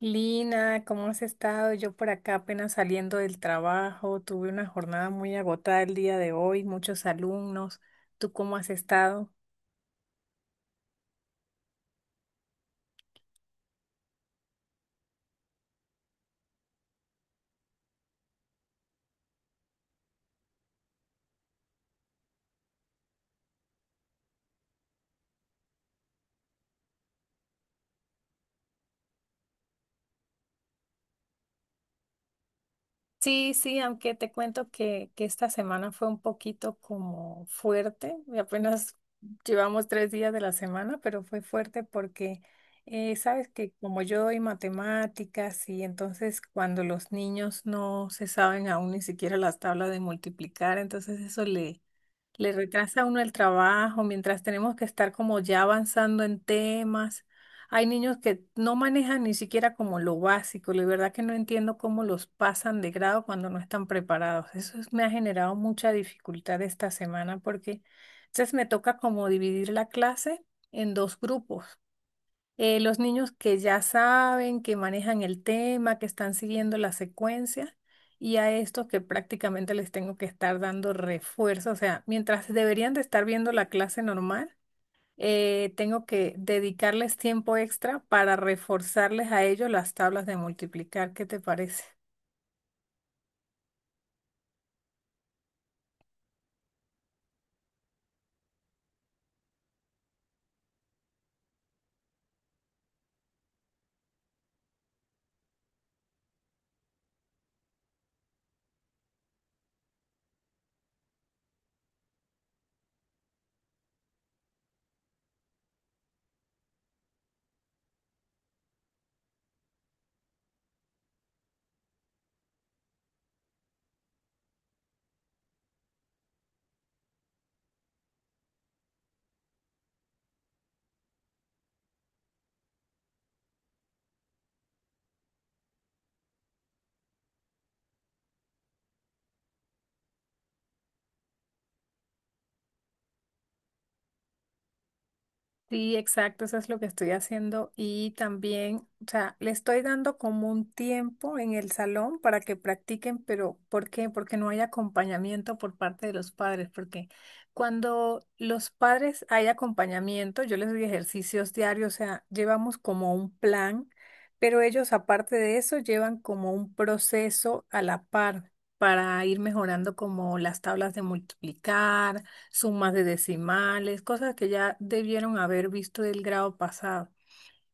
Lina, ¿cómo has estado? Yo por acá apenas saliendo del trabajo, tuve una jornada muy agotada el día de hoy, muchos alumnos. ¿Tú cómo has estado? Sí, sí, aunque te cuento que esta semana fue un poquito como fuerte, y apenas llevamos 3 días de la semana, pero fue fuerte porque sabes que como yo doy matemáticas y entonces cuando los niños no se saben aún ni siquiera las tablas de multiplicar, entonces eso le retrasa a uno el trabajo mientras tenemos que estar como ya avanzando en temas. Hay niños que no manejan ni siquiera como lo básico. La verdad que no entiendo cómo los pasan de grado cuando no están preparados. Me ha generado mucha dificultad esta semana porque entonces me toca como dividir la clase en dos grupos, los niños que ya saben, que manejan el tema, que están siguiendo la secuencia, y a estos que prácticamente les tengo que estar dando refuerzo. O sea, mientras deberían de estar viendo la clase normal, tengo que dedicarles tiempo extra para reforzarles a ellos las tablas de multiplicar. ¿Qué te parece? Sí, exacto, eso es lo que estoy haciendo y también, o sea, le estoy dando como un tiempo en el salón para que practiquen, pero ¿por qué? Porque no hay acompañamiento por parte de los padres, porque cuando los padres hay acompañamiento, yo les doy ejercicios diarios, o sea, llevamos como un plan, pero ellos aparte de eso llevan como un proceso a la par para ir mejorando como las tablas de multiplicar, sumas de decimales, cosas que ya debieron haber visto del grado pasado.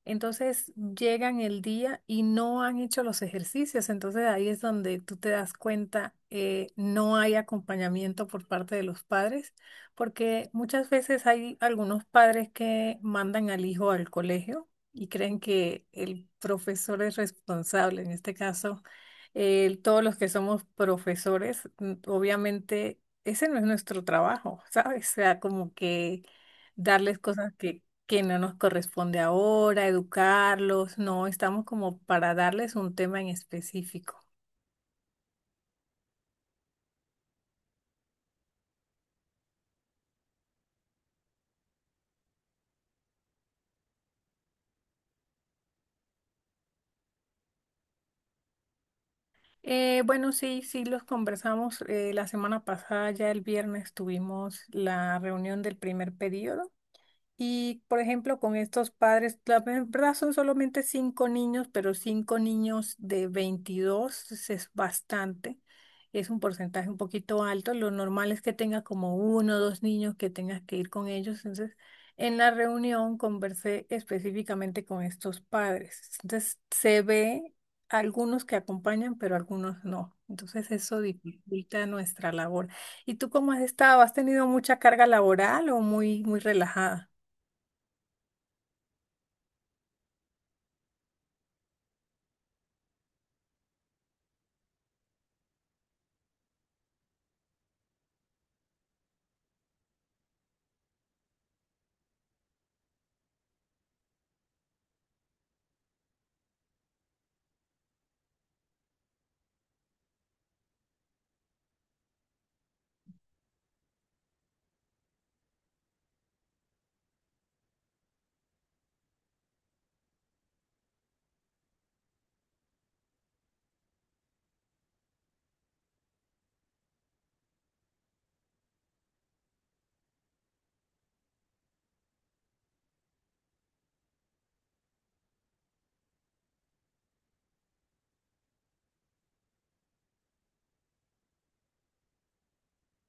Entonces llegan el día y no han hecho los ejercicios. Entonces ahí es donde tú te das cuenta, no hay acompañamiento por parte de los padres, porque muchas veces hay algunos padres que mandan al hijo al colegio y creen que el profesor es responsable. En este caso, todos los que somos profesores, obviamente ese no es nuestro trabajo, ¿sabes? O sea, como que darles cosas que no nos corresponde ahora, educarlos, no, estamos como para darles un tema en específico. Bueno, sí, sí, los conversamos. La semana pasada, ya el viernes, tuvimos la reunión del primer periodo. Y, por ejemplo, con estos padres, la verdad son solamente cinco niños, pero cinco niños de 22 es bastante. Es un porcentaje un poquito alto. Lo normal es que tenga como uno o dos niños que tengas que ir con ellos. Entonces, en la reunión conversé específicamente con estos padres. Entonces, se ve algunos que acompañan, pero algunos no. Entonces, eso dificulta nuestra labor. ¿Y tú cómo has estado? ¿Has tenido mucha carga laboral o muy, muy relajada?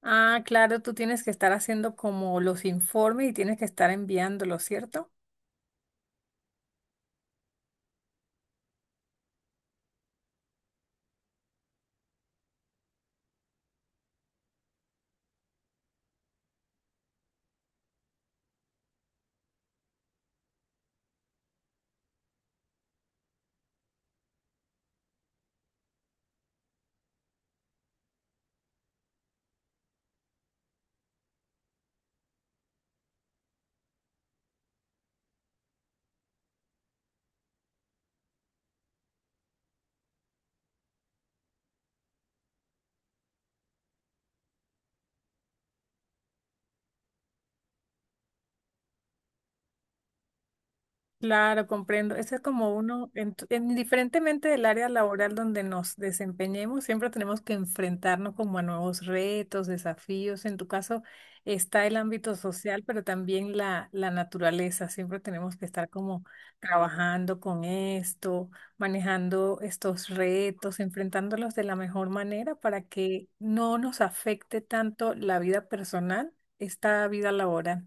Ah, claro, tú tienes que estar haciendo como los informes y tienes que estar enviándolos, ¿cierto? Claro, comprendo. Ese es como uno, en, tu- indiferentemente del área laboral donde nos desempeñemos, siempre tenemos que enfrentarnos como a nuevos retos, desafíos. En tu caso está el ámbito social, pero también la naturaleza. Siempre tenemos que estar como trabajando con esto, manejando estos retos, enfrentándolos de la mejor manera para que no nos afecte tanto la vida personal, esta vida laboral.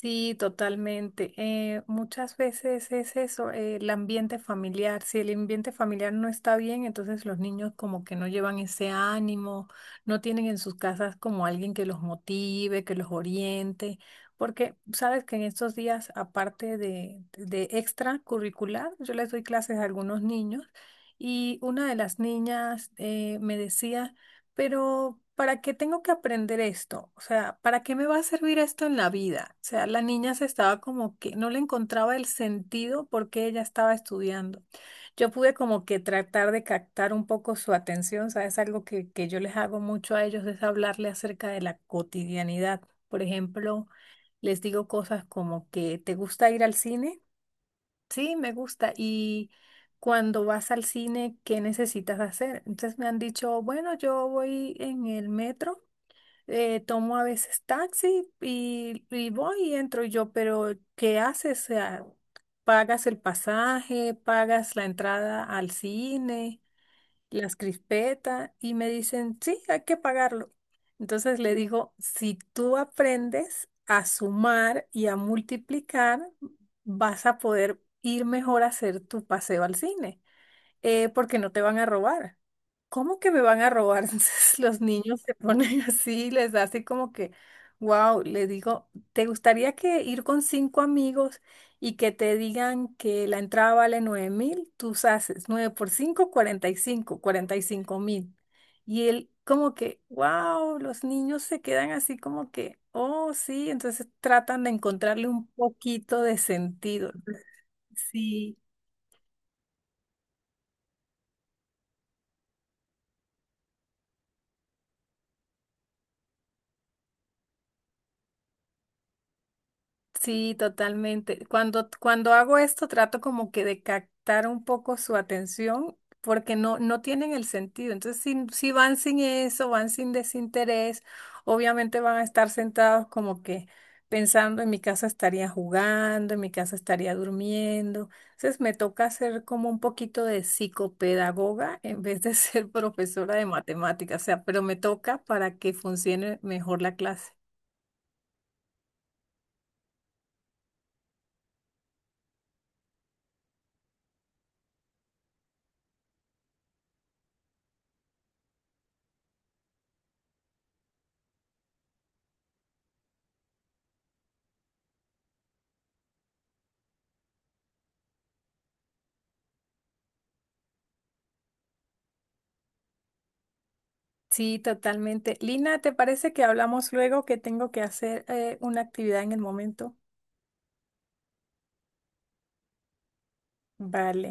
Sí, totalmente. Muchas veces es eso, el ambiente familiar. Si el ambiente familiar no está bien, entonces los niños como que no llevan ese ánimo, no tienen en sus casas como alguien que los motive, que los oriente, porque sabes que en estos días, aparte de extracurricular, yo les doy clases a algunos niños y una de las niñas me decía... Pero, ¿para qué tengo que aprender esto? O sea, ¿para qué me va a servir esto en la vida? O sea, la niña se estaba como que no le encontraba el sentido por qué ella estaba estudiando. Yo pude como que tratar de captar un poco su atención, ¿sabes? Algo que yo les hago mucho a ellos es hablarle acerca de la cotidianidad. Por ejemplo, les digo cosas como que ¿te gusta ir al cine? Sí, me gusta. Y cuando vas al cine, ¿qué necesitas hacer? Entonces me han dicho, bueno, yo voy en el metro, tomo a veces taxi y voy y entro yo, pero ¿qué haces? O sea, ¿pagas el pasaje? ¿Pagas la entrada al cine? Las crispeta y me dicen, sí, hay que pagarlo. Entonces le digo, si tú aprendes a sumar y a multiplicar, vas a poder ir mejor a hacer tu paseo al cine, porque no te van a robar. ¿Cómo que me van a robar? Entonces los niños se ponen así, les hace como que wow. Le digo, ¿te gustaría que ir con cinco amigos y que te digan que la entrada vale 9.000? Tú haces nueve por cinco, 45, 45.000. Y él como que wow, los niños se quedan así como que, oh, sí, entonces tratan de encontrarle un poquito de sentido. Sí. Sí, totalmente. Cuando hago esto, trato como que de captar un poco su atención porque no, no tienen el sentido. Entonces, si van sin eso, van sin desinterés, obviamente van a estar sentados como que pensando, en mi casa estaría jugando, en mi casa estaría durmiendo. Entonces, me toca hacer como un poquito de psicopedagoga en vez de ser profesora de matemáticas, o sea, pero me toca para que funcione mejor la clase. Sí, totalmente. Lina, ¿te parece que hablamos luego que tengo que hacer una actividad en el momento? Vale.